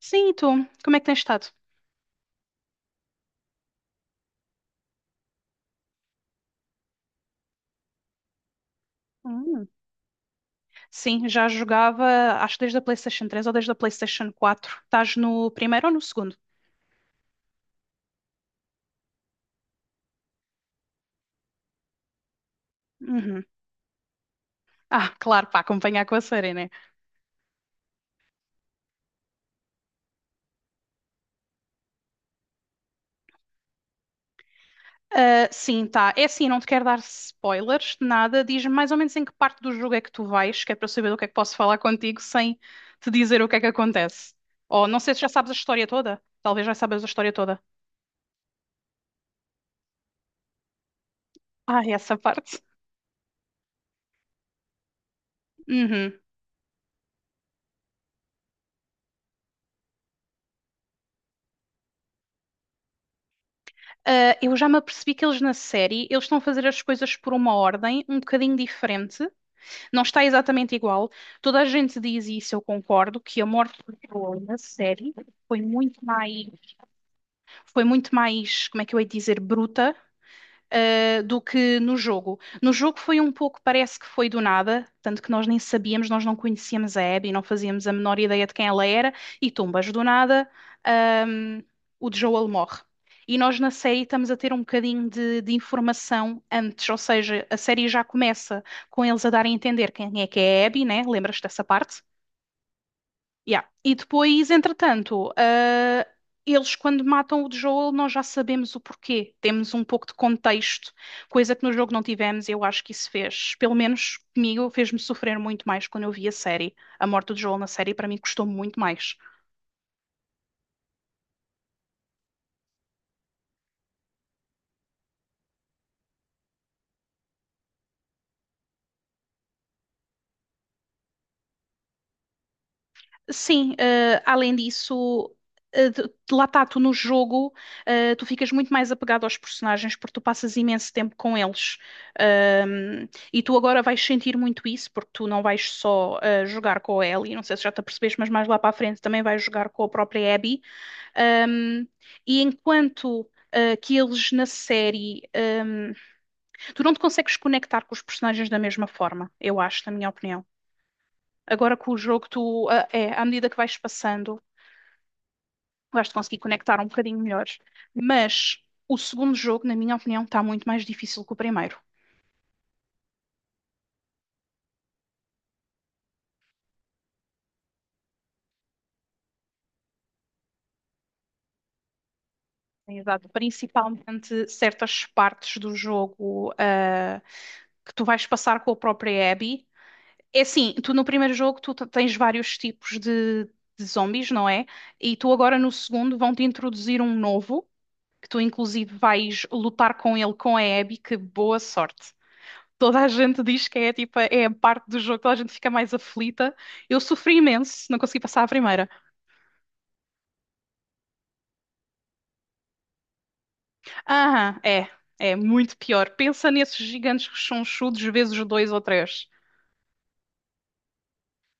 Sim, e tu? Como é que tens estado? Hum. Sim, já jogava, acho que desde a PlayStation 3 ou desde a PlayStation 4. Estás no primeiro ou no segundo? Uhum. Ah, claro, para acompanhar com a série, né? Ah, sim, tá. É assim, não te quero dar spoilers, de nada. Diz-me mais ou menos em que parte do jogo é que tu vais, que é para eu saber do que é que posso falar contigo sem te dizer o que é que acontece. Ou não sei se já sabes a história toda. Talvez já sabes a história toda. Ah, essa parte. Uhum. Ah, eu já me apercebi que eles na série, eles estão a fazer as coisas por uma ordem um bocadinho diferente. Não está exatamente igual. Toda a gente diz isso, eu concordo, que a morte do Joel na série foi muito mais, foi muito mais, como é que eu ia dizer, bruta do que no jogo. No jogo foi um pouco, parece que foi do nada, tanto que nós nem sabíamos, nós não conhecíamos a Abby, não fazíamos a menor ideia de quem ela era, e tumbas do nada, um, o Joel morre. E nós na série estamos a ter um bocadinho de informação antes, ou seja, a série já começa com eles a darem a entender quem é que é a Abby, né? Lembras-te dessa parte? Yeah. E depois, entretanto, ah, eles quando matam o Joel, nós já sabemos o porquê. Temos um pouco de contexto, coisa que no jogo não tivemos, e eu acho que isso fez, pelo menos comigo, fez-me sofrer muito mais quando eu vi a série. A morte do Joel na série, para mim, custou muito mais. Sim, além disso, de lá está, tu no jogo, tu ficas muito mais apegado aos personagens porque tu passas imenso tempo com eles. E tu agora vais sentir muito isso porque tu não vais só jogar com a Ellie, não sei se já te apercebeste, mas mais lá para a frente também vais jogar com a própria Abby. Ahm, e enquanto. Eh, que eles na série, tu não te consegues conectar com os personagens da mesma forma, eu acho, na minha opinião. Agora com o jogo, tu, ah, é, à medida que vais passando. Vais-te conseguir conectar um bocadinho melhores. Mas o segundo jogo, na minha opinião, está muito mais difícil que o primeiro. Tens dado Principalmente certas partes do jogo, ah, que tu vais passar com a própria Abby. É assim, tu no primeiro jogo tens vários tipos de zombies, não é? E tu agora no segundo vão-te introduzir um novo, que tu inclusive vais lutar com ele com a Abby, que boa sorte. Toda a gente diz que é tipo, é a parte do jogo, toda a gente fica mais aflita. Eu sofri imenso, não consegui passar a primeira. Aham, é muito pior. Pensa nesses gigantes que são chudos vezes dois ou três.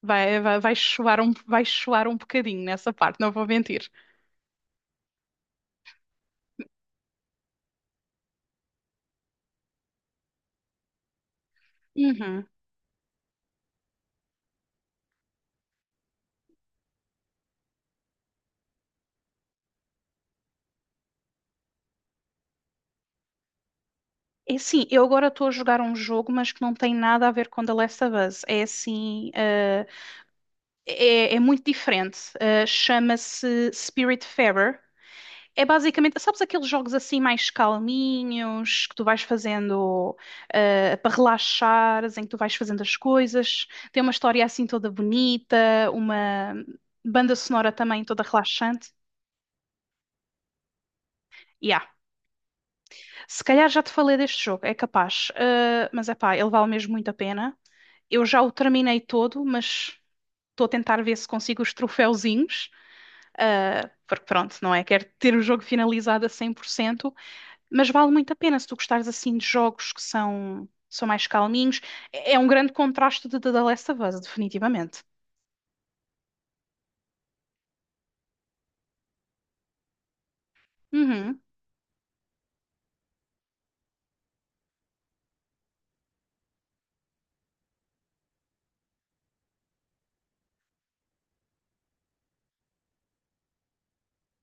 Vai chuar um bocadinho nessa parte, não vou mentir. Uhum. É assim, eu agora estou a jogar um jogo, mas que não tem nada a ver com The Last of Us. É assim, ah, é muito diferente. Ah, chama-se Spiritfarer. É basicamente, sabes aqueles jogos assim mais calminhos que tu vais fazendo para relaxares, em que tu vais fazendo as coisas. Tem uma história assim toda bonita, uma banda sonora também toda relaxante. Yeah. Se calhar já te falei deste jogo, é capaz. Mas é pá, ele vale mesmo muito a pena. Eu já o terminei todo, mas estou a tentar ver se consigo os troféuzinhos. Porque pronto, não é? Quero ter o jogo finalizado a 100%. Mas vale muito a pena se tu gostares assim de jogos que são mais calminhos. É um grande contraste de The Last of Us, definitivamente. Uhum,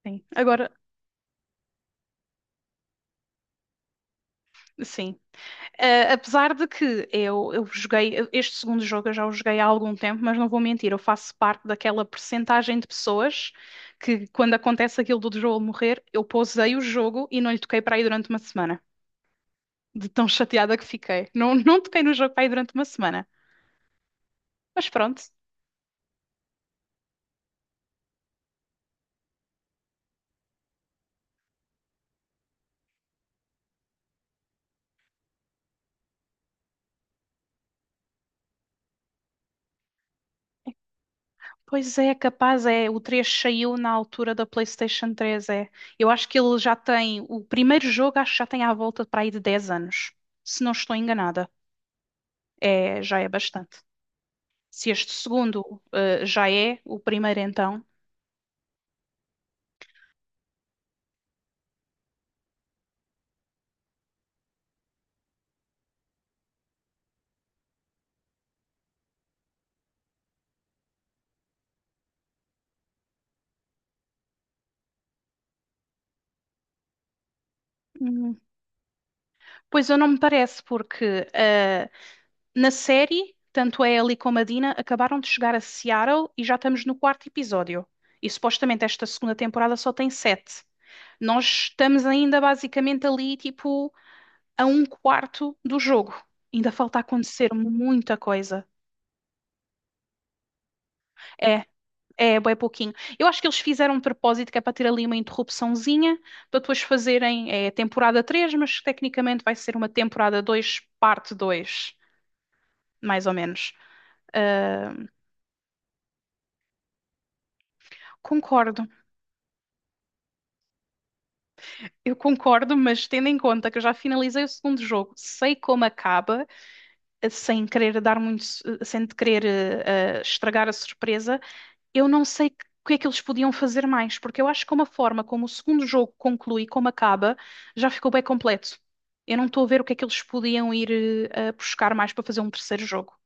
sim. Agora, sim. Ah, apesar de que este segundo jogo eu já o joguei há algum tempo, mas não vou mentir, eu faço parte daquela percentagem de pessoas que quando acontece aquilo do Joel morrer, eu pausei o jogo e não lhe toquei para aí durante uma semana. De tão chateada que fiquei. Não, não toquei no jogo para aí durante uma semana. Mas pronto. Pois é, capaz é. O 3 saiu na altura da PlayStation 3 é. Eu acho que ele já tem. O primeiro jogo acho que já tem à volta para aí de 10 anos. Se não estou enganada. É, já é bastante. Se este segundo, já é, o primeiro então. Hum, Pois eu não me parece, porque na série, tanto a Ellie como a Dina acabaram de chegar a Seattle e já estamos no quarto episódio. E supostamente esta segunda temporada só tem sete. Nós estamos ainda basicamente ali, tipo, a um quarto do jogo. Ainda falta acontecer muita coisa. É, é bem pouquinho. Eu acho que eles fizeram um propósito que é para ter ali uma interrupçãozinha, para depois fazerem temporada 3, mas tecnicamente vai ser uma temporada 2 parte 2 mais ou menos. Ah, concordo. Eu concordo, mas tendo em conta que eu já finalizei o segundo jogo, sei como acaba, sem querer dar muito, sem querer estragar a surpresa, eu não sei o que é que eles podiam fazer mais, porque eu acho que uma forma como o segundo jogo conclui, como acaba, já ficou bem completo. Eu não estou a ver o que é que eles podiam ir a buscar mais para fazer um terceiro jogo.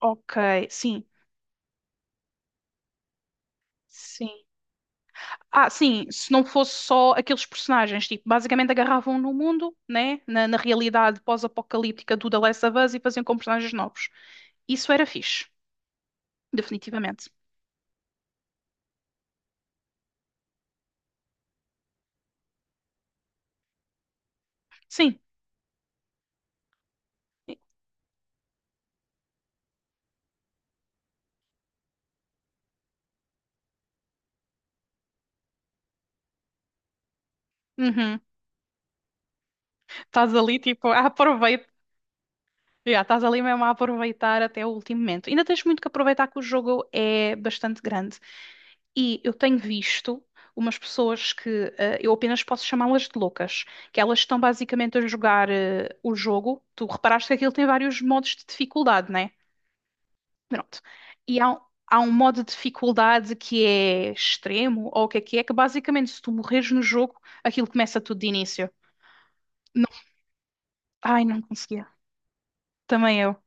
Ok, sim, sim. Ah, sim, se não fosse só aqueles personagens, tipo, basicamente agarravam no mundo, né, na realidade pós-apocalíptica do The Last of Us e faziam com personagens novos. Isso era fixe, definitivamente. Sim. Uhum. Estás ali, tipo, aproveita. Já estás ali mesmo a aproveitar até o último momento. Ainda tens muito que aproveitar que o jogo é bastante grande. E eu tenho visto umas pessoas que eu apenas posso chamá-las de loucas, que elas estão basicamente a jogar o jogo. Tu reparaste que aquilo tem vários modos de dificuldade, né? Pronto. E há um modo de dificuldade que é extremo, ou o que é que é, que basicamente se tu morres no jogo, aquilo começa tudo de início. Não. Ai, não conseguia. Também eu.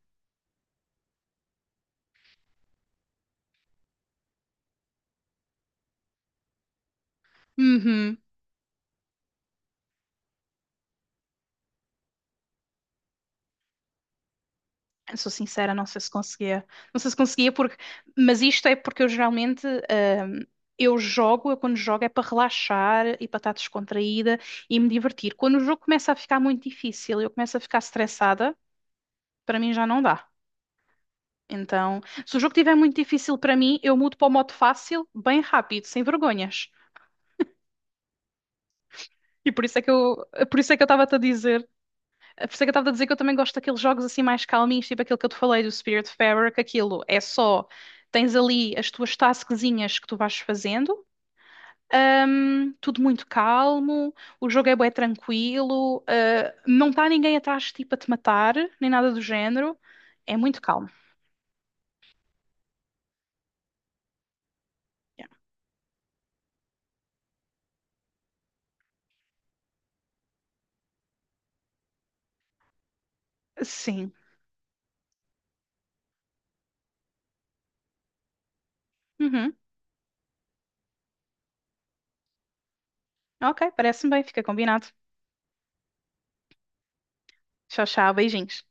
Uhum. Eu sou sincera, não sei se conseguia. Não sei se conseguia porque. Mas isto é porque eu geralmente, eu quando jogo é para relaxar e para estar descontraída e me divertir. Quando o jogo começa a ficar muito difícil, eu começo a ficar estressada, para mim já não dá. Então, se o jogo estiver muito difícil para mim, eu mudo para o modo fácil, bem rápido, sem vergonhas. E por isso é que eu, por isso é que eu estava-te a dizer Por isso é que eu estava a dizer que eu também gosto daqueles jogos assim mais calminhos, tipo aquele que eu te falei do Spiritfarer, que aquilo é só, tens ali as tuas tasquezinhas que tu vais fazendo, tudo muito calmo, o jogo é bué tranquilo, ah, não está ninguém atrás tipo a te matar, nem nada do género, é muito calmo. Yeah. Sim. Uhum. Ok, parece-me bem, fica combinado. Tchau, tchau, beijinhos.